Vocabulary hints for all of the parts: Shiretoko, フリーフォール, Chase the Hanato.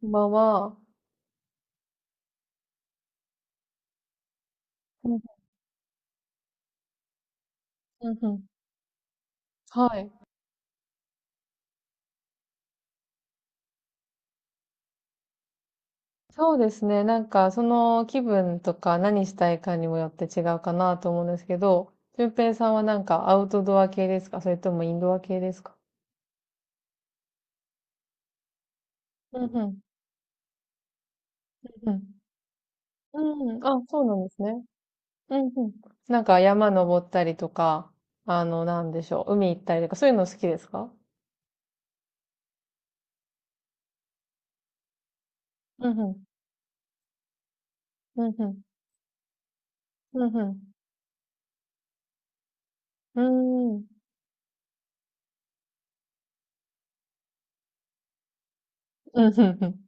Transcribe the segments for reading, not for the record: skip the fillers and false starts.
こんばんは。うんうんうん。はい。そうですね。その気分とか何したいかにもよって違うかなと思うんですけど、俊平さんはなんかアウトドア系ですか、それともインドア系ですか？うんうん。うん。うん。あ、そうなんですね。うんうん。なんか山登ったりとか、なんでしょう。海行ったりとか、そういうの好きですか？うんうん。うんうん。うんうん。うーん。うんうんうん。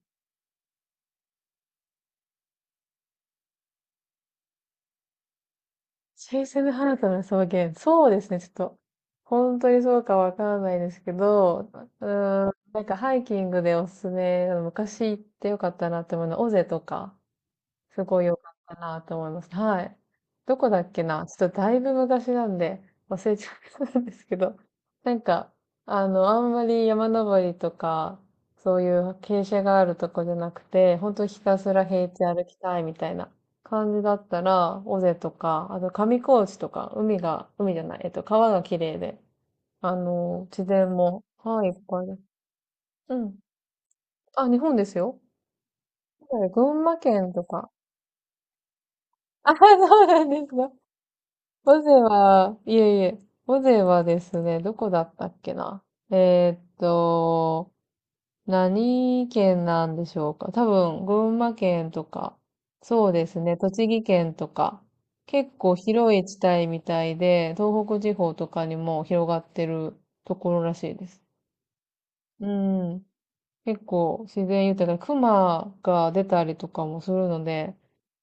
チェイス・ザ・ハナトの草原。そうですね。ちょっと、本当にそうかわからないですけど、うーん、なんかハイキングでおすすめ、昔行ってよかったなって思うのは、尾瀬とか、すごい良かったなと思います。はい。どこだっけな、ちょっとだいぶ昔なんで忘れちゃったんですけど、なんか、あんまり山登りとか、そういう傾斜があるとこじゃなくて、本当ひたすら平地歩きたいみたいな感じだったら、尾瀬とか、あと上高地とか、海が、海じゃない、川が綺麗で、あの、自然も、はい、いっぱいです。うん。あ、日本ですよ。群馬県とか。あ、そうなんですか？尾瀬は、いえいえ、尾瀬はですね、どこだったっけな。えーっと、何県なんでしょうか。多分、群馬県とか、そうですね、栃木県とか、結構広い地帯みたいで、東北地方とかにも広がってるところらしいです。うん、結構自然豊かで、熊が出たりとかもするので、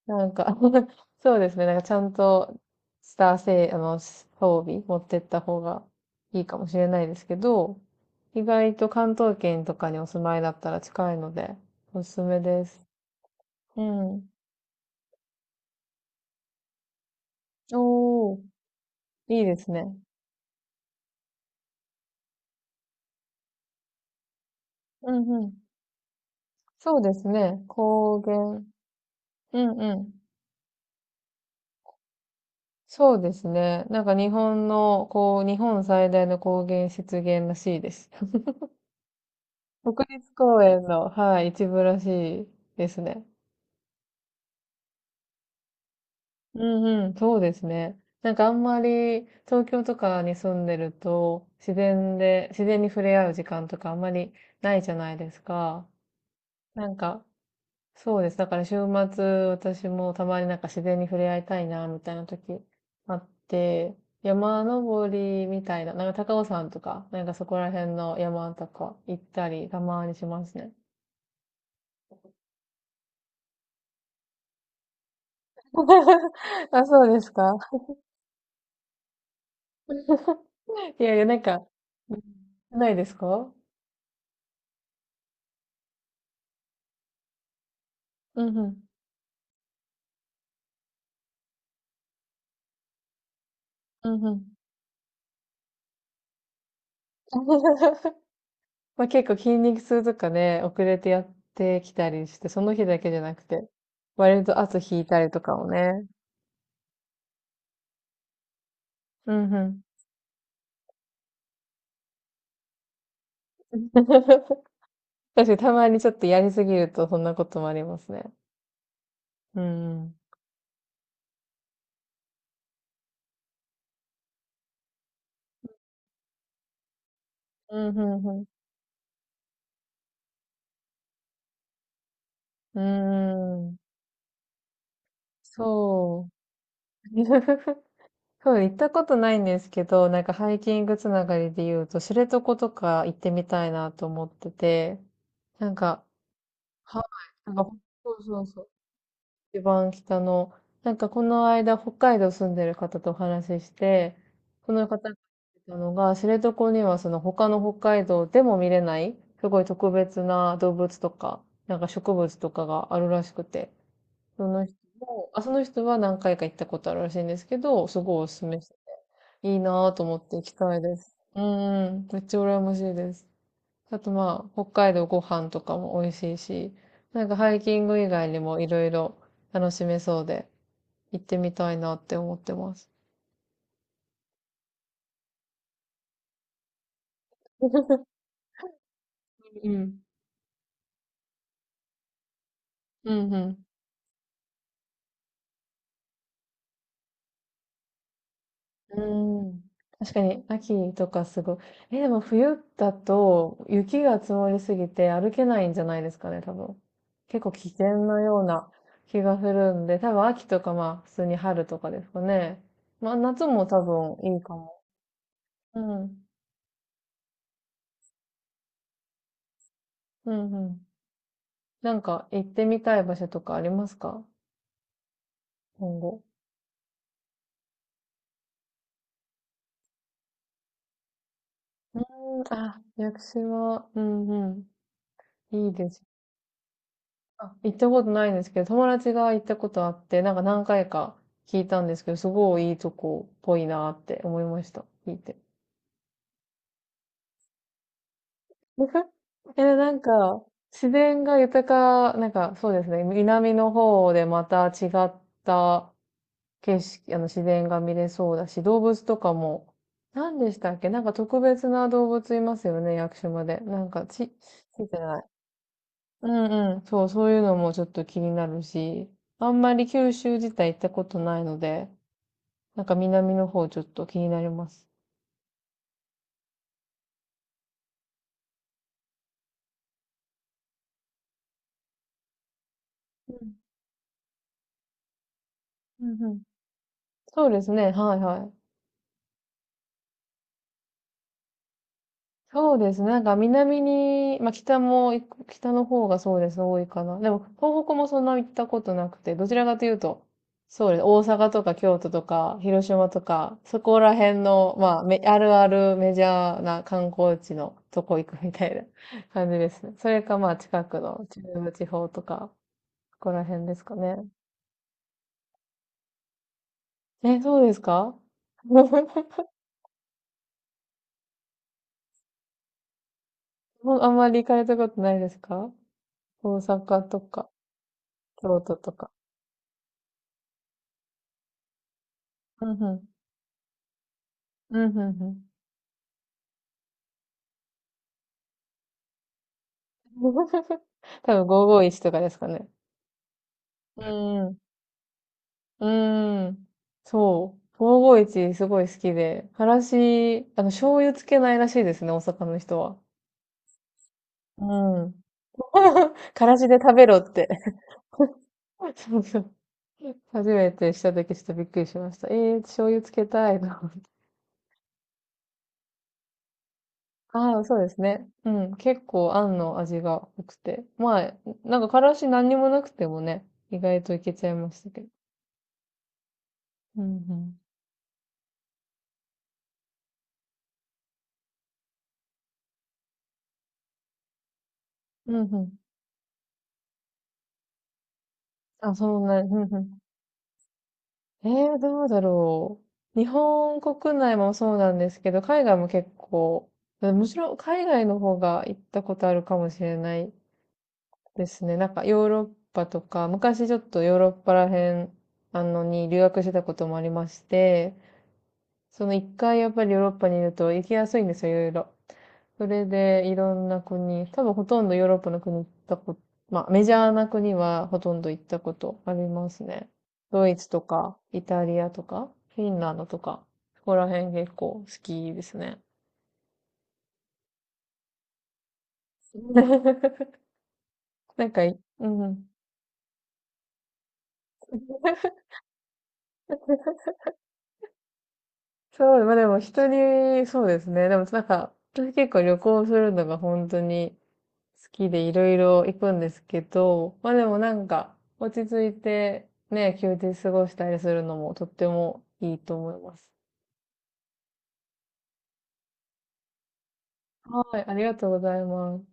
なんか そうですね。なんかちゃんとスター性、装備持ってった方がいいかもしれないですけど、意外と関東圏とかにお住まいだったら近いので、おすすめです。うん。おー、いいですね。うんうん。そうですね。高原。うんうん。そうですね。なんか日本の、こう、日本最大の高原湿原らしいです。国立公園の、はい、一部らしいですね。うんうん、そうですね。なんかあんまり東京とかに住んでると自然で、自然に触れ合う時間とかあんまりないじゃないですか。なんか、そうです。だから週末私もたまになんか自然に触れ合いたいな、みたいな時あって、山登りみたいな、なんか高尾山とか、なんかそこら辺の山とか行ったりたまにしますね。あ、そうですか。いやいや、なんか、ないですか？うんうん。うんうん。ま、結構筋肉痛とかね、遅れてやってきたりして、その日だけじゃなくて、割と後引いたりとかもね。うんうん。確かにたまにちょっとやりすぎるとそんなこともありますね。うんうん。うん、んうーん。そう。そう、行ったことないんですけど、なんかハイキングつながりで言うと、知床とか行ってみたいなと思ってて、なんか、はい。なんか、そうそうそう。一番北の、なんかこの間北海道住んでる方とお話しして、その方が言ってたのが、知床にはその他の北海道でも見れない、すごい特別な動物とか、なんか植物とかがあるらしくて、その人も、あ、その人は何回か行ったことあるらしいんですけど、すごいおすすめしてて、いいなぁと思って行きたいです。うんうん、めっちゃ羨ましいです。あとまあ、北海道ご飯とかも美味しいし、なんかハイキング以外にもいろいろ楽しめそうで、行ってみたいなって思ってます。うん。うん、うん。うん。確かに、秋とかすごい。え、でも冬だと雪が積もりすぎて歩けないんじゃないですかね、多分。結構危険なような気がするんで、多分秋とかまあ、普通に春とかですかね。まあ、夏も多分いいかも。うん。うん、うん。なんか行ってみたい場所とかありますか、今後？うーん、あ、屋久島、うんうん。いいです。あ、行ったことないんですけど、友達が行ったことあって、なんか何回か聞いたんですけど、すごいいいとこっぽいなって思いました。聞いて。え、なんか、自然が豊か、なんかそうですね、南の方でまた違った景色、あの、自然が見れそうだし、動物とかも、何でしたっけ、なんか特別な動物いますよね、屋久島で。なんか、ち、ついてない。うんうん。そう、そういうのもちょっと気になるし、あんまり九州自体行ったことないので、なんか南の方ちょっと気になります。うん。うんうん。そうですね、はいはい。そうですね。なんか南に、まあ北も行く、北の方がそうです、多いかな。でも東北もそんな行ったことなくて、どちらかというと、そうです。大阪とか京都とか広島とか、そこら辺の、まあ、め、あるあるメジャーな観光地のとこ行くみたいな 感じですね。それかまあ近くの中部地方とか、ここら辺ですかね。え、そうですか？ もうあんまり行かれたことないですか？大阪とか、京都とか。うんうん。うんうんうん。多分551とかですかね。うん。うん。そう。551すごい好きで。からし、醤油つけないらしいですね、大阪の人は。うん。からしで食べろって。そうそう。初めてしたときちょっとびっくりしました。えー、醤油つけたいな。ああ、そうですね。うん。結構、あんの味が濃くて。まあ、なんか、からし何にもなくてもね、意外といけちゃいましたけど。うんうん。うんうん。あ、そうなん、うんうん。えー、どうだろう。日本国内もそうなんですけど、海外も結構、むしろ海外の方が行ったことあるかもしれないですね。なんかヨーロッパとか、昔ちょっとヨーロッパら辺、に留学してたこともありまして、その一回やっぱりヨーロッパにいると行きやすいんですよ、いろいろ。それでいろんな国、多分ほとんどヨーロッパの国行ったこと、まあメジャーな国はほとんど行ったことありますね。ドイツとか、イタリアとか、フィンランドとか、そこら辺結構好きですね。なんかい、うんうん。そう、まあでも一人、そうですね。でもなんか、私結構旅行するのが本当に好きでいろいろ行くんですけど、まあでもなんか、落ち着いてね、休日過ごしたりするのもとってもいいと思います。はい、ありがとうございます。